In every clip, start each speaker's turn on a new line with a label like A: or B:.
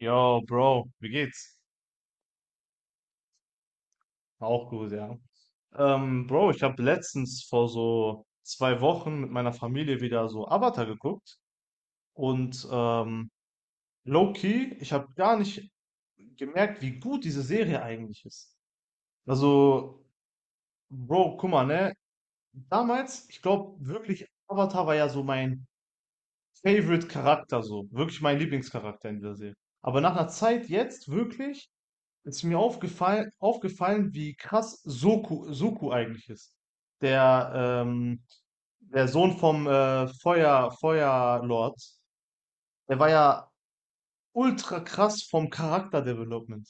A: Yo, Bro, wie geht's? Auch gut, ja. Bro, ich habe letztens vor so zwei Wochen mit meiner Familie wieder so Avatar geguckt und low-key, ich habe gar nicht gemerkt, wie gut diese Serie eigentlich ist. Also, Bro, guck mal, ne? Damals, ich glaube wirklich, Avatar war ja so mein Favorite Charakter, so. Wirklich mein Lieblingscharakter in dieser Serie. Aber nach einer Zeit jetzt wirklich ist mir aufgefallen, wie krass Soku eigentlich ist. Der, ähm, der Sohn vom Feuerlord, der war ja ultra krass vom Charakterdevelopment.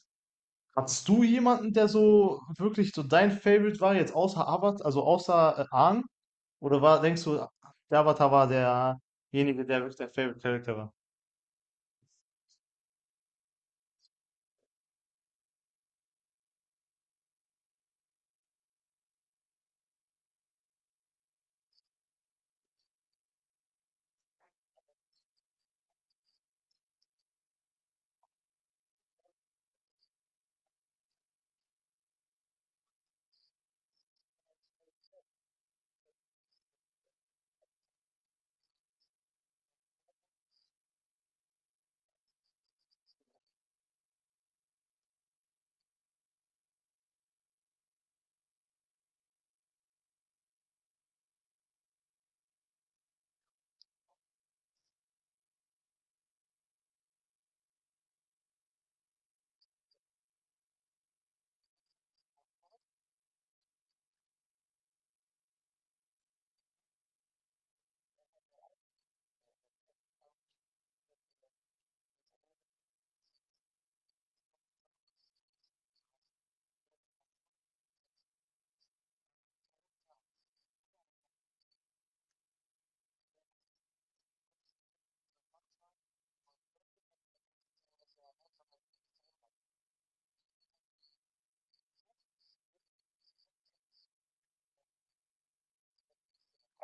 A: Hattest du jemanden, der so wirklich so dein Favorite war, jetzt außer Avatar, also außer Aang? Oder war, denkst du, der Avatar war derjenige, der wirklich dein Favorite Character war?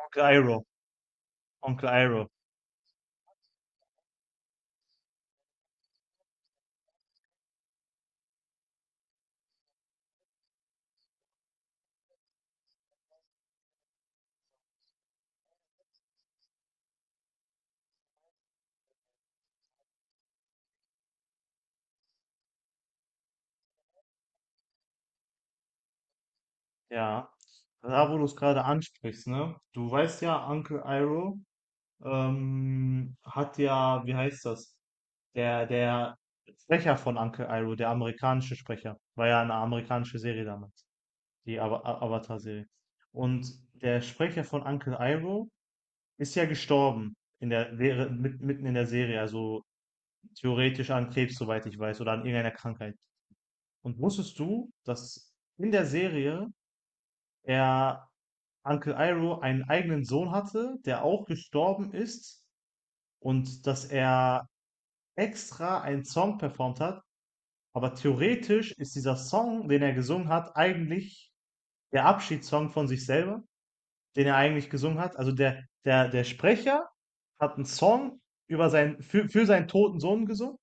A: Onkel Iroh, Onkel Iroh. Ja, da wo du es gerade ansprichst, ne? Du weißt ja, Uncle Iroh hat ja, wie heißt das? Der Sprecher von Uncle Iroh, der amerikanische Sprecher, war ja eine amerikanische Serie damals, die Avatar-Serie. Und der Sprecher von Uncle Iroh ist ja gestorben in der, mitten in der Serie, also theoretisch an Krebs, soweit ich weiß, oder an irgendeiner Krankheit. Und wusstest du, dass in der Serie er Uncle Iroh einen eigenen Sohn hatte, der auch gestorben ist und dass er extra einen Song performt hat. Aber theoretisch ist dieser Song, den er gesungen hat, eigentlich der Abschiedssong von sich selber, den er eigentlich gesungen hat. Also der Sprecher hat einen Song über seinen, für seinen toten Sohn gesungen,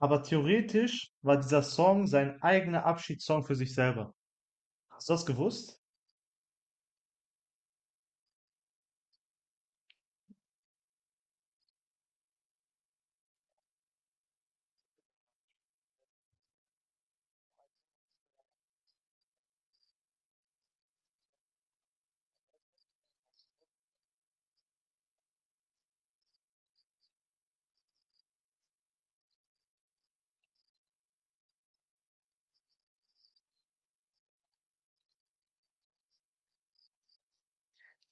A: aber theoretisch war dieser Song sein eigener Abschiedssong für sich selber. Hast du das gewusst?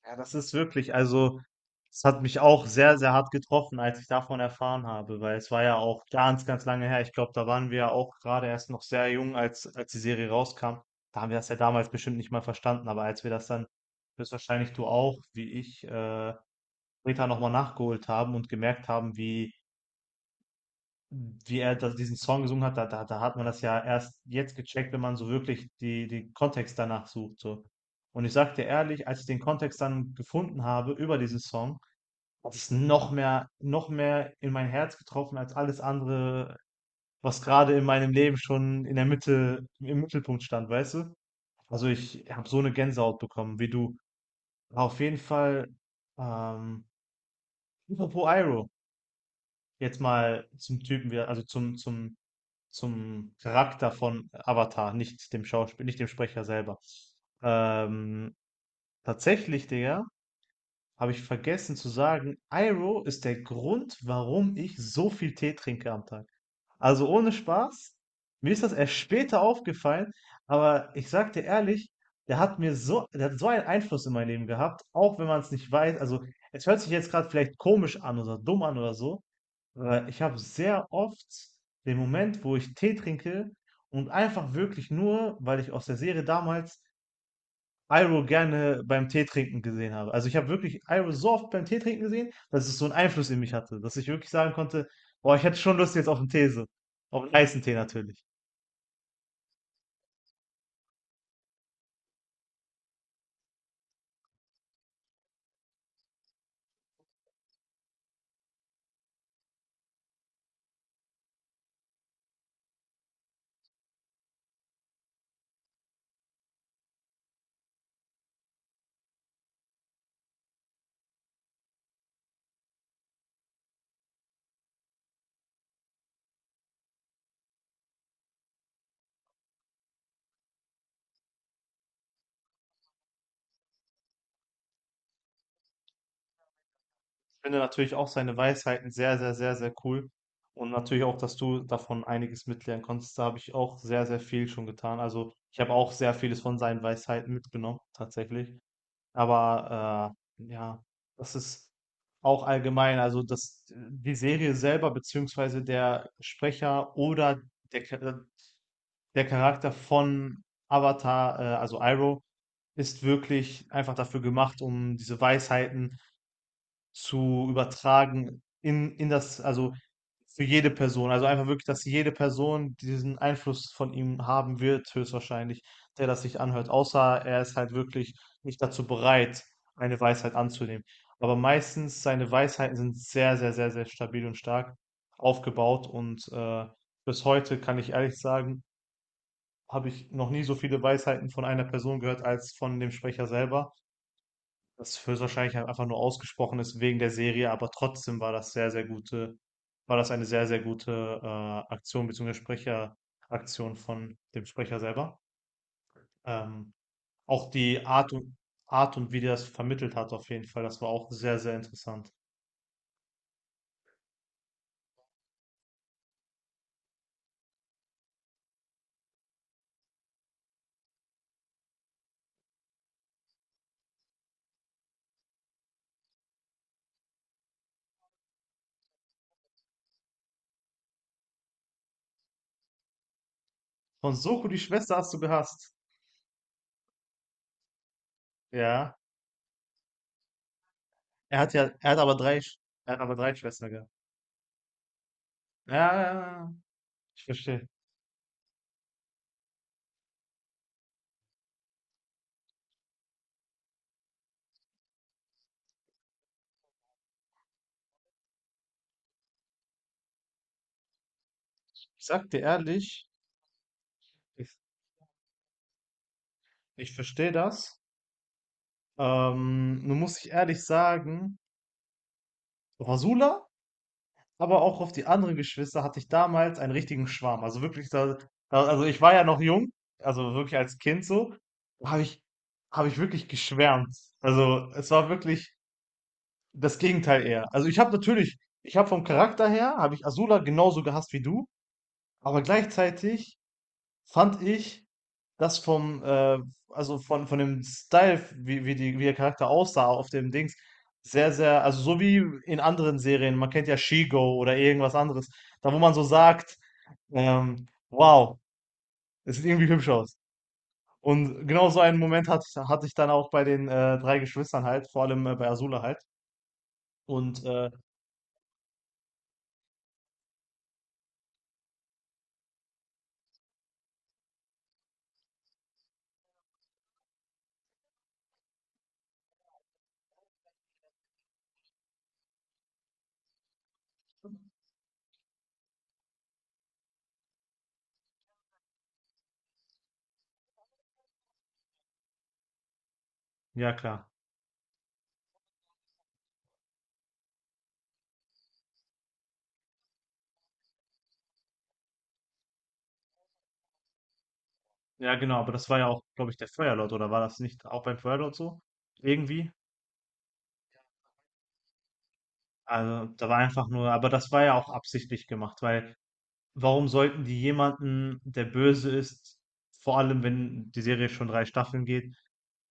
A: Ja, das ist wirklich, also es hat mich auch sehr, sehr hart getroffen, als ich davon erfahren habe, weil es war ja auch ganz, ganz lange her. Ich glaube, da waren wir ja auch gerade erst noch sehr jung, als die Serie rauskam. Da haben wir das ja damals bestimmt nicht mal verstanden, aber als wir das dann, höchstwahrscheinlich du auch, wie ich, später nochmal nachgeholt haben und gemerkt haben, wie er das, diesen Song gesungen hat, da hat man das ja erst jetzt gecheckt, wenn man so wirklich die, den Kontext danach sucht. So. Und ich sag dir ehrlich, als ich den Kontext dann gefunden habe über diesen Song, hat es noch mehr in mein Herz getroffen als alles andere, was gerade in meinem Leben schon in im Mittelpunkt stand, weißt du? Also ich habe so eine Gänsehaut bekommen wie du. Auf jeden Fall, ähm, Liverpool. Jetzt mal zum Typen, wir- Also zum Charakter von Avatar, nicht dem Schauspiel, nicht dem Sprecher selber. Ähm, tatsächlich, Digga, habe ich vergessen zu sagen, Iroh ist der Grund, warum ich so viel Tee trinke am Tag. Also ohne Spaß, mir ist das erst später aufgefallen, aber ich sag dir ehrlich, der hat so einen Einfluss in mein Leben gehabt, auch wenn man es nicht weiß. Also es hört sich jetzt gerade vielleicht komisch an oder dumm an oder so, aber ich habe sehr oft den Moment, wo ich Tee trinke und einfach wirklich nur, weil ich aus der Serie damals Iroh gerne beim Tee trinken gesehen habe. Also ich habe wirklich Iroh so oft beim Tee trinken gesehen, dass es so einen Einfluss in mich hatte, dass ich wirklich sagen konnte, boah, ich hätte schon Lust jetzt auf einen Tee, so. Auf einen heißen Tee natürlich. Ich finde natürlich auch seine Weisheiten sehr, cool. Und natürlich auch, dass du davon einiges mitlernen konntest. Da habe ich auch sehr, sehr viel schon getan. Also ich habe auch sehr vieles von seinen Weisheiten mitgenommen, tatsächlich. Aber ja, das ist auch allgemein, also die Serie selber, beziehungsweise der Sprecher oder der, Cha- der Charakter von Avatar, also Iroh, ist wirklich einfach dafür gemacht, um diese Weisheiten zu übertragen in das, also für jede Person. Also einfach wirklich, dass jede Person diesen Einfluss von ihm haben wird, höchstwahrscheinlich, der das sich anhört. Außer er ist halt wirklich nicht dazu bereit, eine Weisheit anzunehmen. Aber meistens seine Weisheiten sind sehr stabil und stark aufgebaut. Und bis heute kann ich ehrlich sagen, habe ich noch nie so viele Weisheiten von einer Person gehört als von dem Sprecher selber, das höchstwahrscheinlich einfach nur ausgesprochen ist wegen der Serie, aber trotzdem war das sehr, sehr gute, war das eine sehr, sehr gute Aktion beziehungsweise Sprecheraktion von dem Sprecher selber. Ähm, auch die Art und Art und wie der das vermittelt hat, auf jeden Fall, das war auch sehr, sehr interessant. Von Soko, die Schwester hast du gehasst. Ja. Er hat ja, er hat aber drei Schwestern gehabt. Ja, ja, ja, ja. Ich verstehe. Ich sag dir ehrlich, ich, ich verstehe das. Nun muss ich ehrlich sagen, Rasula, aber auch auf die anderen Geschwister hatte ich damals einen richtigen Schwarm. Also wirklich, also ich war ja noch jung, also wirklich als Kind so, habe ich, habe ich wirklich geschwärmt. Also es war wirklich das Gegenteil eher. Also ich habe natürlich, ich habe vom Charakter her, habe ich Azula genauso gehasst wie du, aber gleichzeitig fand ich das vom, äh, also von dem Style, wie der Charakter aussah auf dem Dings, sehr, sehr, also so wie in anderen Serien, man kennt ja She-Go oder irgendwas anderes, da wo man so sagt, wow, es sieht irgendwie hübsch aus. Und genau so einen Moment hatte ich dann auch bei den drei Geschwistern halt, vor allem bei Azula halt. Und ja, klar. Ja, genau, aber das war ja auch, glaube ich, der Feuerlord, oder war das nicht auch beim Feuerlord so? Irgendwie? Also, da war einfach nur, aber das war ja auch absichtlich gemacht, weil warum sollten die jemanden, der böse ist, vor allem wenn die Serie schon 3 Staffeln geht,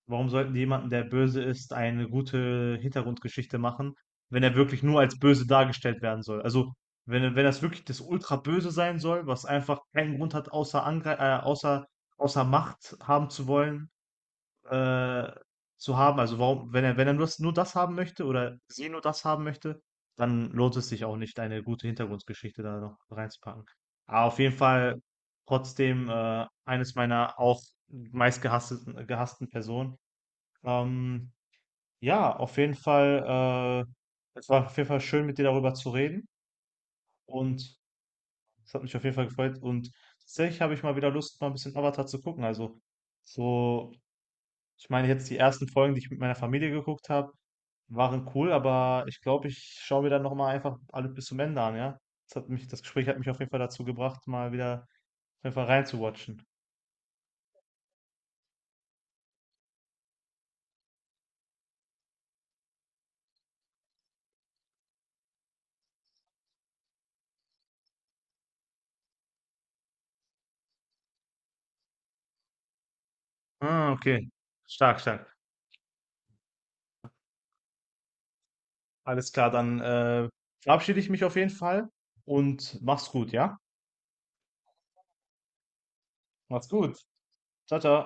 A: warum sollten die jemanden, der böse ist, eine gute Hintergrundgeschichte machen, wenn er wirklich nur als böse dargestellt werden soll? Also, wenn das wirklich das Ultraböse sein soll, was einfach keinen Grund hat, außer Angre außer außer Macht haben zu wollen äh, zu haben. Also warum, wenn er, nur das haben möchte oder sie nur das haben möchte, dann lohnt es sich auch nicht, eine gute Hintergrundgeschichte da noch reinzupacken. Aber auf jeden Fall trotzdem eines meiner auch meistgehassten gehassten Personen. Ähm, ja, auf jeden Fall, es war auf jeden Fall schön, mit dir darüber zu reden. Und es hat mich auf jeden Fall gefreut. Und tatsächlich habe ich mal wieder Lust, mal ein bisschen Avatar zu gucken. Also so, ich meine jetzt die ersten Folgen, die ich mit meiner Familie geguckt habe, waren cool, aber ich glaube, ich schaue mir dann nochmal einfach alles bis zum Ende an, ja. Das Gespräch hat mich auf jeden Fall dazu gebracht, mal wieder auf jeden Fall reinzuwatchen. Ah, okay. Stark, stark. Alles klar, dann verabschiede ich mich auf jeden Fall und mach's gut, ja? Mach's gut. Ciao, ciao.